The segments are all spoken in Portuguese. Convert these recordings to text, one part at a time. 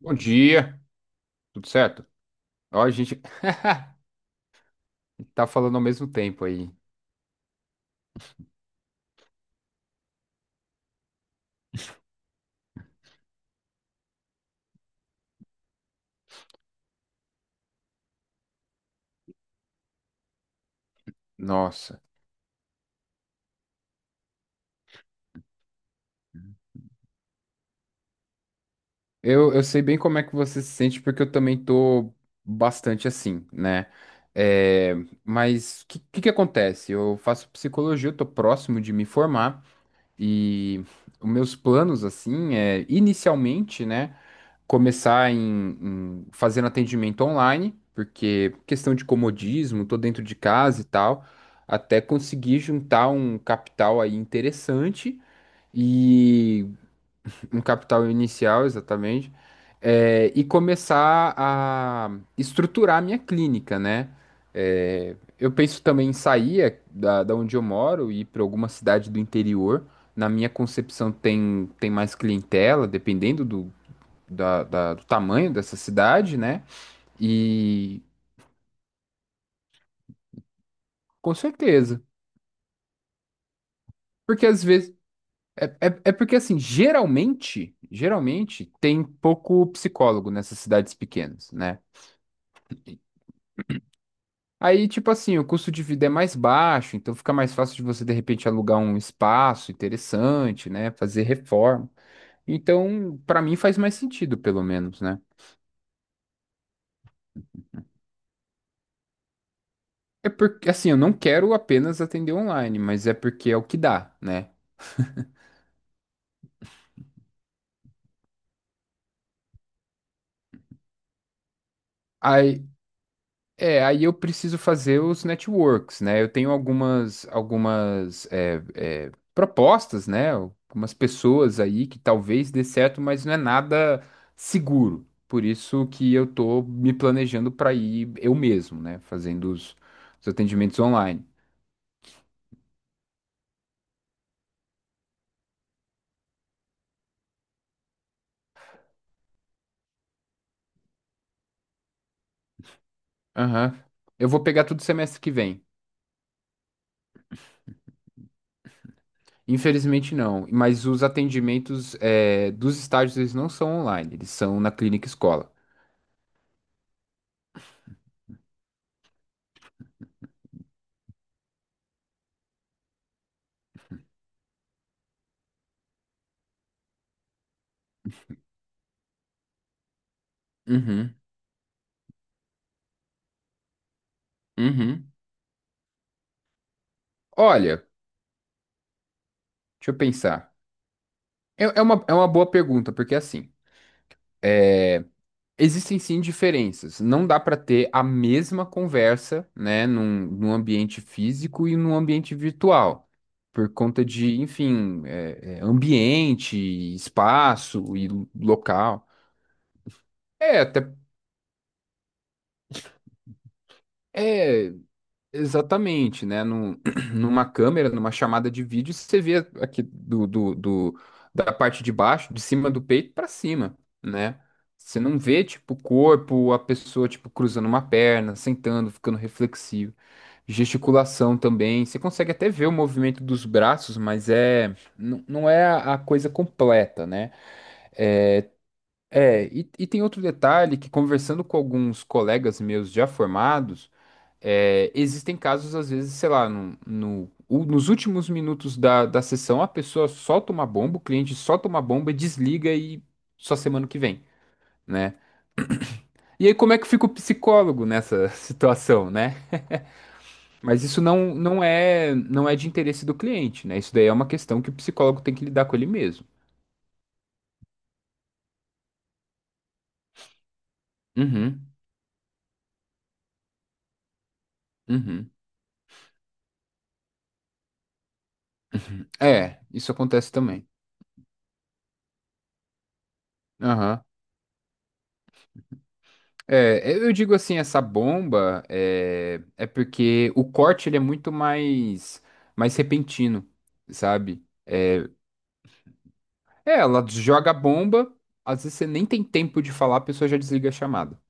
Bom dia, tudo certo? Ó, a gente tá falando ao mesmo tempo aí. Nossa, eu sei bem como é que você se sente, porque eu também tô bastante assim, né? É, mas que acontece? Eu faço psicologia, eu tô próximo de me formar, e os meus planos, assim, é inicialmente, né? Começar em fazendo atendimento online, porque questão de comodismo, tô dentro de casa e tal, até conseguir juntar um capital aí interessante e um capital inicial, exatamente, e começar a estruturar a minha clínica, né? É, eu penso também em sair da onde eu moro e ir para alguma cidade do interior. Na minha concepção, tem mais clientela, dependendo do do tamanho dessa cidade, né? E com certeza. Porque às vezes. É porque assim, geralmente tem pouco psicólogo nessas cidades pequenas, né? Aí, tipo assim, o custo de vida é mais baixo, então fica mais fácil de você, de repente, alugar um espaço interessante, né? Fazer reforma. Então, pra mim faz mais sentido, pelo menos, né? É porque, assim, eu não quero apenas atender online, mas é porque é o que dá, né? Aí, Aí eu preciso fazer os networks, né? Eu tenho algumas propostas, né? Algumas pessoas aí que talvez dê certo, mas não é nada seguro. Por isso que eu tô me planejando para ir eu mesmo, né? Fazendo os atendimentos online. Aham. Eu vou pegar tudo semestre que vem. Infelizmente não, mas os atendimentos dos estágios eles não são online, eles são na clínica escola. Uhum, uhum. Olha, deixa eu pensar. É uma é uma, boa pergunta, porque assim, existem sim diferenças. Não dá para ter a mesma conversa, né, num ambiente físico e num ambiente virtual, por conta de, enfim, ambiente, espaço e local. É, até. É, Exatamente, né? Numa câmera, numa chamada de vídeo, você vê aqui da parte de baixo, de cima do peito para cima, né? Você não vê, tipo, o corpo, a pessoa, tipo, cruzando uma perna, sentando, ficando reflexivo. Gesticulação também. Você consegue até ver o movimento dos braços, mas não é a coisa completa, né? E tem outro detalhe que conversando com alguns colegas meus já formados, existem casos, às vezes, sei lá, nos últimos minutos da sessão, a pessoa solta uma bomba, o cliente solta uma bomba, desliga e só semana que vem, né? E aí, como é que fica o psicólogo nessa situação, né? Mas isso não é de interesse do cliente, né? Isso daí é uma questão que o psicólogo tem que lidar com ele mesmo. Uhum, uhum. É, isso acontece também. Aham. É, eu digo assim, essa bomba é porque o corte ele é muito mais repentino, sabe? É, ela joga a bomba, às vezes você nem tem tempo de falar, a pessoa já desliga a chamada.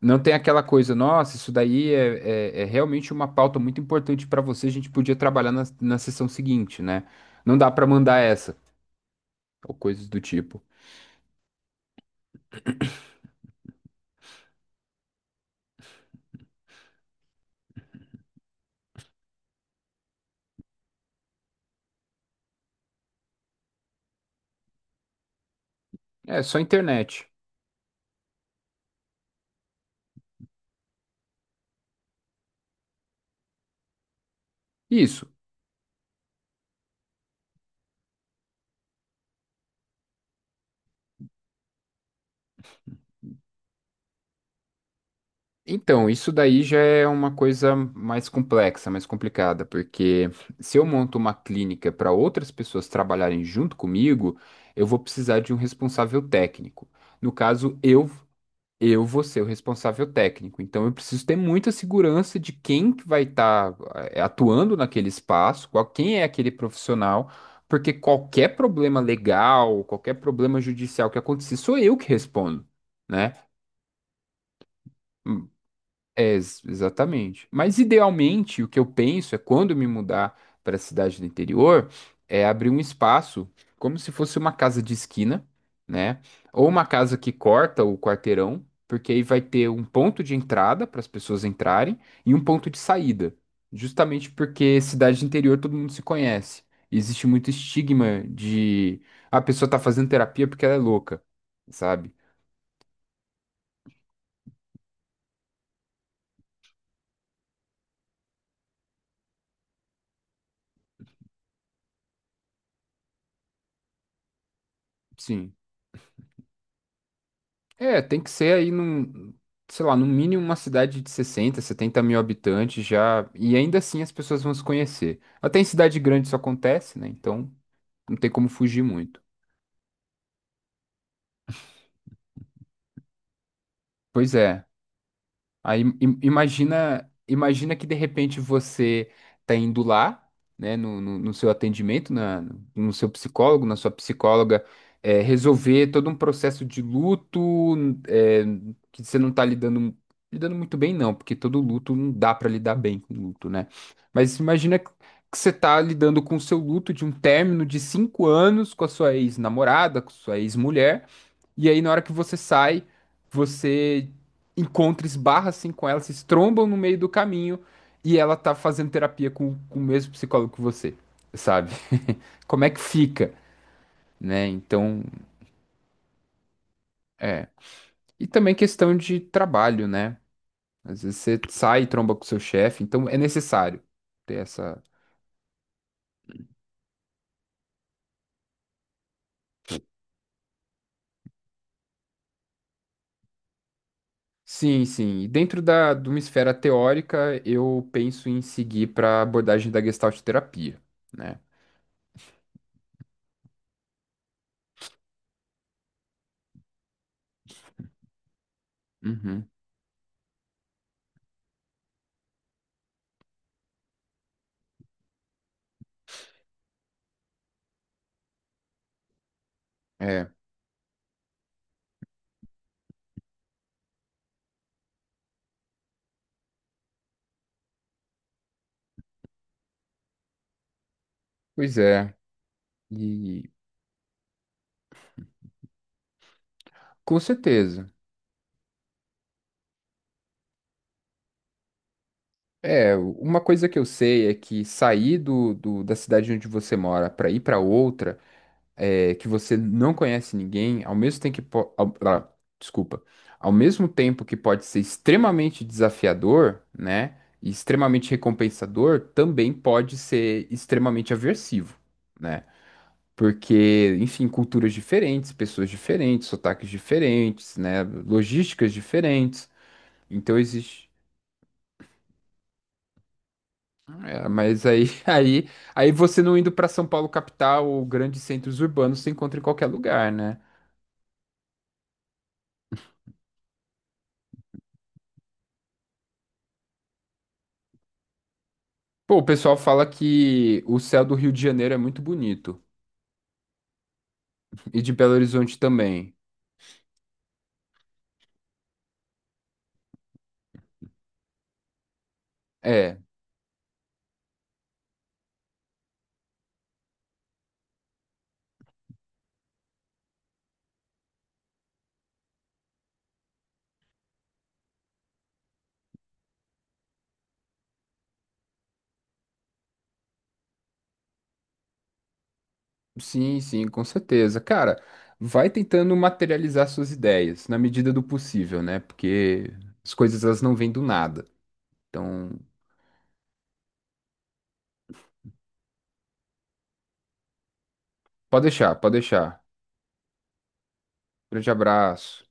Não tem aquela coisa, nossa, isso daí é realmente uma pauta muito importante pra você, a gente podia trabalhar na sessão seguinte, né? Não dá pra mandar essa, ou coisas do tipo. É, só internet. Isso. Então, isso daí já é uma coisa mais complexa, mais complicada, porque se eu monto uma clínica para outras pessoas trabalharem junto comigo, eu vou precisar de um responsável técnico. No caso, eu vou ser o responsável técnico. Então, eu preciso ter muita segurança de quem que vai estar atuando naquele espaço, qual quem é aquele profissional, porque qualquer problema legal, qualquer problema judicial que acontecer, sou eu que respondo, né? É, exatamente. Mas idealmente, o que eu penso é quando eu me mudar para a cidade do interior, é abrir um espaço como se fosse uma casa de esquina, né? Ou uma casa que corta o quarteirão, porque aí vai ter um ponto de entrada para as pessoas entrarem e um ponto de saída. Justamente porque cidade de interior todo mundo se conhece. Existe muito estigma de: "Ah, a pessoa tá fazendo terapia porque ela é louca", sabe? Sim. É, tem que ser aí sei lá, no mínimo uma cidade de 60, 70 mil habitantes já, e ainda assim as pessoas vão se conhecer. Até em cidade grande isso acontece, né? Então não tem como fugir muito. Pois é. Aí imagina que de repente você tá indo lá, né, no seu atendimento, no seu psicólogo, na sua psicóloga, resolver todo um processo de luto, é, que você não tá lidando muito bem, não, porque todo luto não dá para lidar bem com luto, né? Mas imagina que você tá lidando com o seu luto de um término de 5 anos com a sua ex-namorada, com sua ex-mulher. E aí, na hora que você sai, você encontra, esbarra assim com ela, se trombam no meio do caminho e ela tá fazendo terapia com o mesmo psicólogo que você, sabe? Como é que fica, né? Então, é. E também questão de trabalho, né? Às vezes você sai e tromba com o seu chefe, então é necessário ter essa. Sim, sim. E dentro de uma esfera teórica, eu penso em seguir para a abordagem da Gestalt terapia, né? Uhum. É, pois é. E com certeza. É, uma coisa que eu sei é que sair da cidade onde você mora para ir para outra, que você não conhece ninguém, ao mesmo tempo que desculpa, ao mesmo tempo que pode ser extremamente desafiador, né, e extremamente recompensador, também pode ser extremamente aversivo, né? Porque, enfim, culturas diferentes, pessoas diferentes, sotaques diferentes, né, logísticas diferentes. Então existe. Mas aí, aí, aí você não indo pra São Paulo capital ou grandes centros urbanos, você encontra em qualquer lugar, né? Pô, o pessoal fala que o céu do Rio de Janeiro é muito bonito e de Belo Horizonte também. É, sim, sim, com certeza. Cara, vai tentando materializar suas ideias na medida do possível, né? Porque as coisas elas não vêm do nada. Então, pode deixar, pode deixar. Grande abraço.